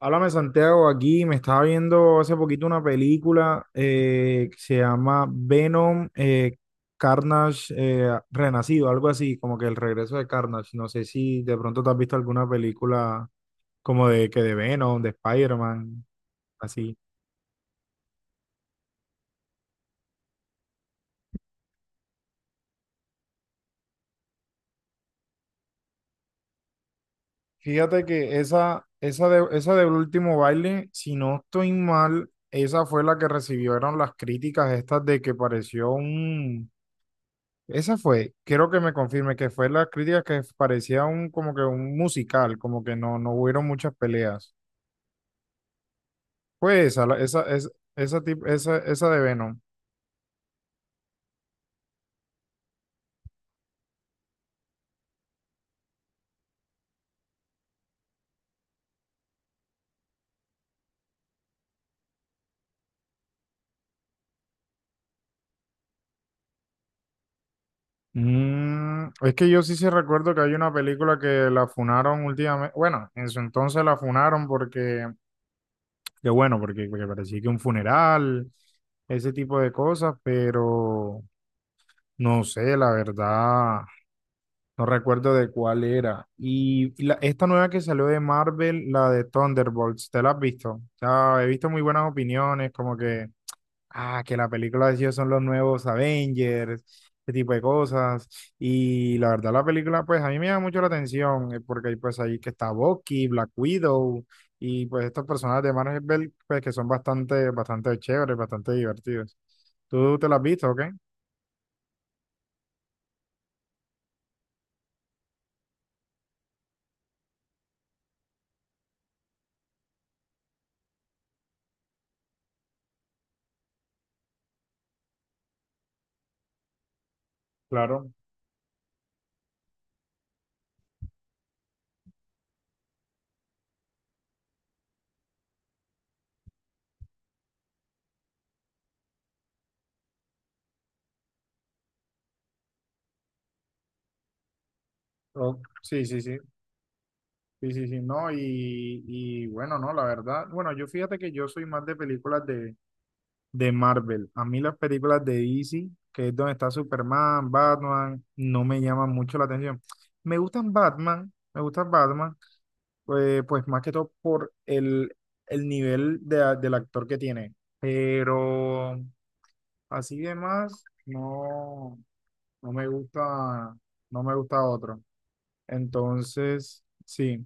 Háblame, Santiago, aquí me estaba viendo hace poquito una película que se llama Venom, Carnage, Renacido, algo así, como que el regreso de Carnage. No sé si de pronto te has visto alguna película como de Venom, de Spider-Man, así. Fíjate que esa del último baile, si no estoy mal, esa fue la que recibieron las críticas estas de que pareció un... Esa fue, quiero que me confirme que fue la crítica que parecía un como que un musical, como que no hubieron muchas peleas. Fue esa, la- esa, es- esa, tip- esa de Venom. Es que yo sí recuerdo que hay una película que la funaron últimamente, bueno, en su entonces la funaron porque parecía que un funeral, ese tipo de cosas, pero no sé, la verdad. No recuerdo de cuál era. Esta nueva que salió de Marvel, la de Thunderbolts, ¿te la has visto? O sea, he visto muy buenas opiniones, como que, ah, que la película de ellos son los nuevos Avengers, ese tipo de cosas. Y la verdad, la película, pues a mí me llama mucho la atención, porque hay pues ahí que está Bucky, Black Widow, y pues estos personajes de Marvel, pues que son bastante, bastante chéveres, bastante divertidos. ¿Tú te la has visto, o qué? Claro. Oh, sí, sí, sí. Sí, sí, sí, no, y bueno, no, la verdad, bueno, yo fíjate que yo soy más de películas de Marvel. A mí las películas de DC, que es donde está Superman, Batman, no me llaman mucho la atención. Me gustan Batman, pues más que todo por el nivel del actor que tiene. Pero así de más, no, no me gusta, no me gusta otro. Entonces, sí.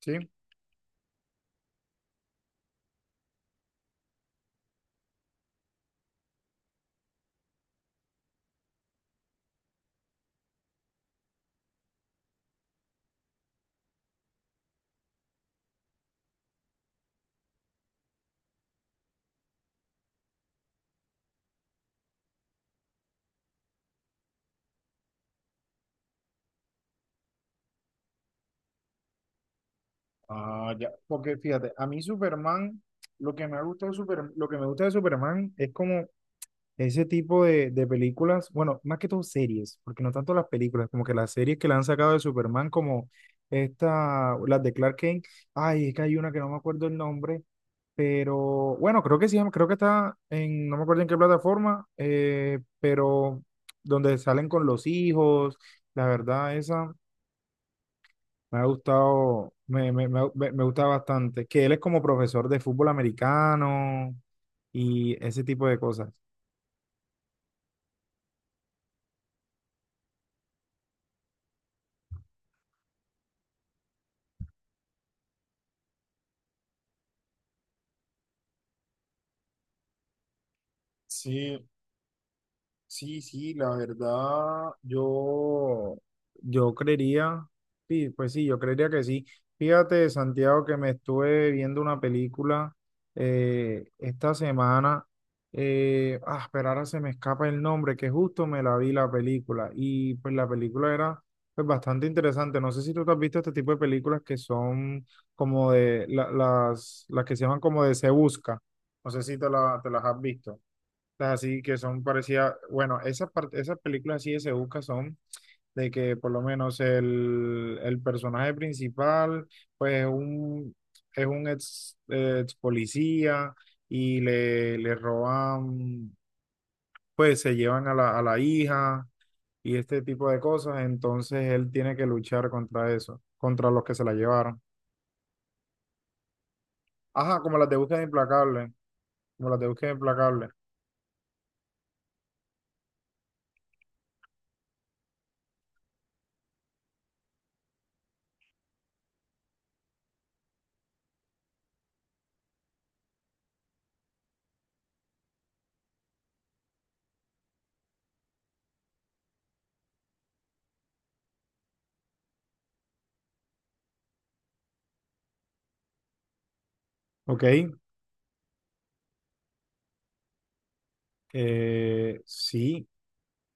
Sí. Ah, ya. Porque fíjate, a mí Superman, lo que me gusta de Superman, lo que me gusta de Superman es como ese tipo de películas, bueno, más que todo series, porque no tanto las películas, como que las series que le han sacado de Superman, como esta, las de Clark Kent, ay, es que hay una que no me acuerdo el nombre, pero bueno, creo que sí, creo que está en, no me acuerdo en qué plataforma, pero donde salen con los hijos, la verdad, esa. Me ha gustado, me gusta bastante, que él es como profesor de fútbol americano y ese tipo de cosas. Sí. Sí, sí, la verdad, yo creería, sí, pues sí, yo creería que sí. Fíjate, Santiago, que me estuve viendo una película esta semana. Pero ahora se me escapa el nombre, que justo me la vi la película. Y pues la película era pues, bastante interesante. No sé si tú te has visto este tipo de películas que son como las que se llaman como de Se Busca. No sé si te las has visto las así que son parecidas, bueno, esas películas así de Sebuca son de que por lo menos el personaje principal pues es un ex, ex policía y le roban, pues se llevan a la hija y este tipo de cosas, entonces él tiene que luchar contra eso, contra los que se la llevaron. Ajá, como las de Búsqueda Implacable, como las de Búsqueda Implacable. Ok, sí,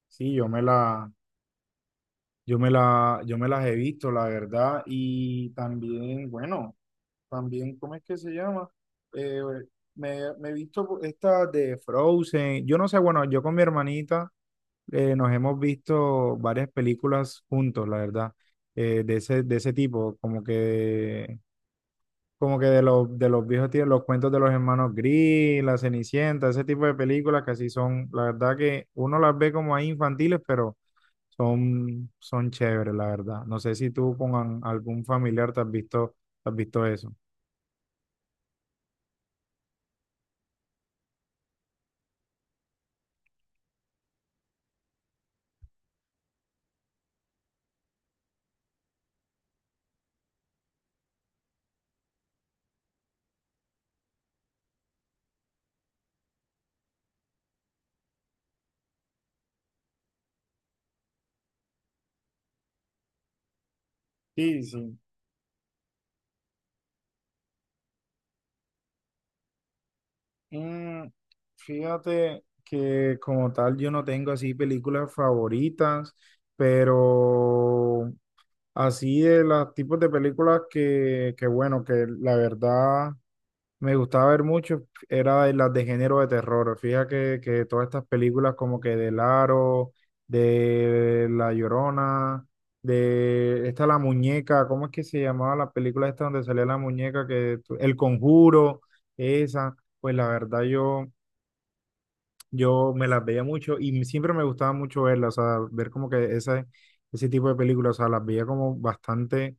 sí, yo me la... Yo me la, yo me las he visto, la verdad, y también, bueno, también, ¿cómo es que se llama? Eh, me he visto estas de Frozen, yo no sé, bueno, yo con mi hermanita nos hemos visto varias películas juntos, la verdad, de ese tipo, como que de los viejos tíos, los cuentos de los hermanos Grimm, La Cenicienta, ese tipo de películas que así son, la verdad que uno las ve como ahí infantiles, pero son, son chéveres, la verdad. No sé si tú con algún familiar te has visto eso. Sí, sí. Mm, Fíjate que como tal yo no tengo así películas favoritas, pero así de los tipos de películas que bueno, que la verdad me gustaba ver mucho, era de las de género de terror. Fíjate que todas estas películas como que del Aro, de La Llorona, de esta La Muñeca, ¿cómo es que se llamaba la película esta donde salía la muñeca? El Conjuro, esa, pues la verdad yo, yo me las veía mucho y siempre me gustaba mucho verlas, o sea, ver como que ese tipo de películas, o sea, las veía como bastante,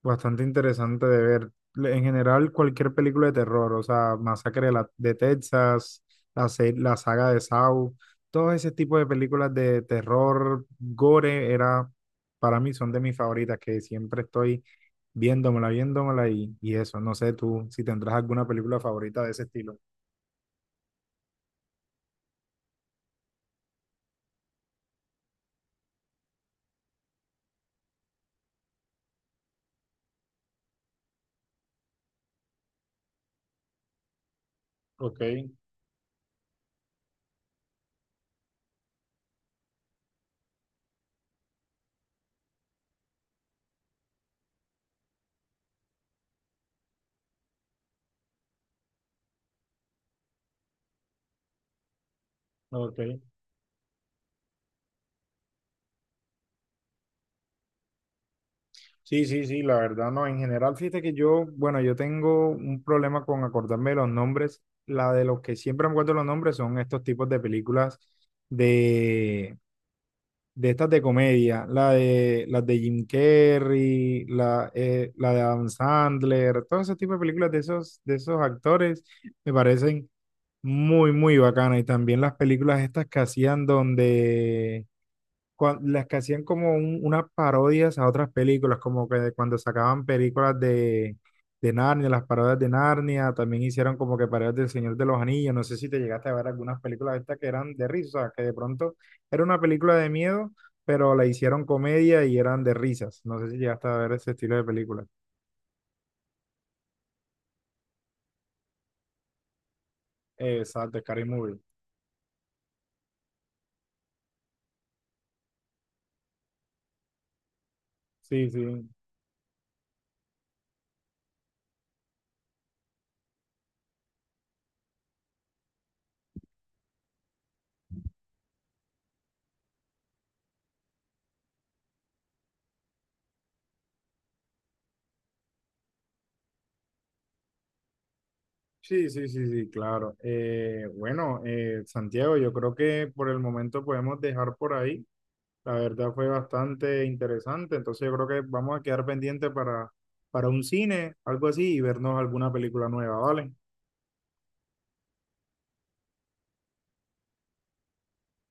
bastante interesante de ver. En general, cualquier película de terror, o sea, Masacre de Texas, la saga de Saw, todo ese tipo de películas de terror, gore, era, para mí son de mis favoritas, que siempre estoy viéndomela, viéndomela y eso. No sé tú si tendrás alguna película favorita de ese estilo. Ok, ok. Sí, sí, sí, la verdad no. En general, fíjate que yo, bueno, yo tengo un problema con acordarme de los nombres. La de los que siempre me acuerdo los nombres son estos tipos de películas de, de estas de comedia. La de, las de Jim Carrey, la, la de Adam Sandler, todo ese tipo de películas de esos actores me parecen muy, muy bacanas. Y también las películas estas que hacían donde las que hacían como unas parodias a otras películas, como que cuando sacaban películas de Narnia, las parodias de Narnia, también hicieron como que parodias del Señor de los Anillos. No sé si te llegaste a ver algunas películas de estas que eran de risa, que de pronto era una película de miedo, pero la hicieron comedia y eran de risas. No sé si llegaste a ver ese estilo de películas. Exacto, Scary Movie. Sí, sí. Sí, sí, sí, sí, claro. Bueno, Santiago, yo creo que por el momento podemos dejar por ahí. La verdad fue bastante interesante, entonces yo creo que vamos a quedar pendientes para un cine, algo así, y vernos alguna película nueva, ¿vale?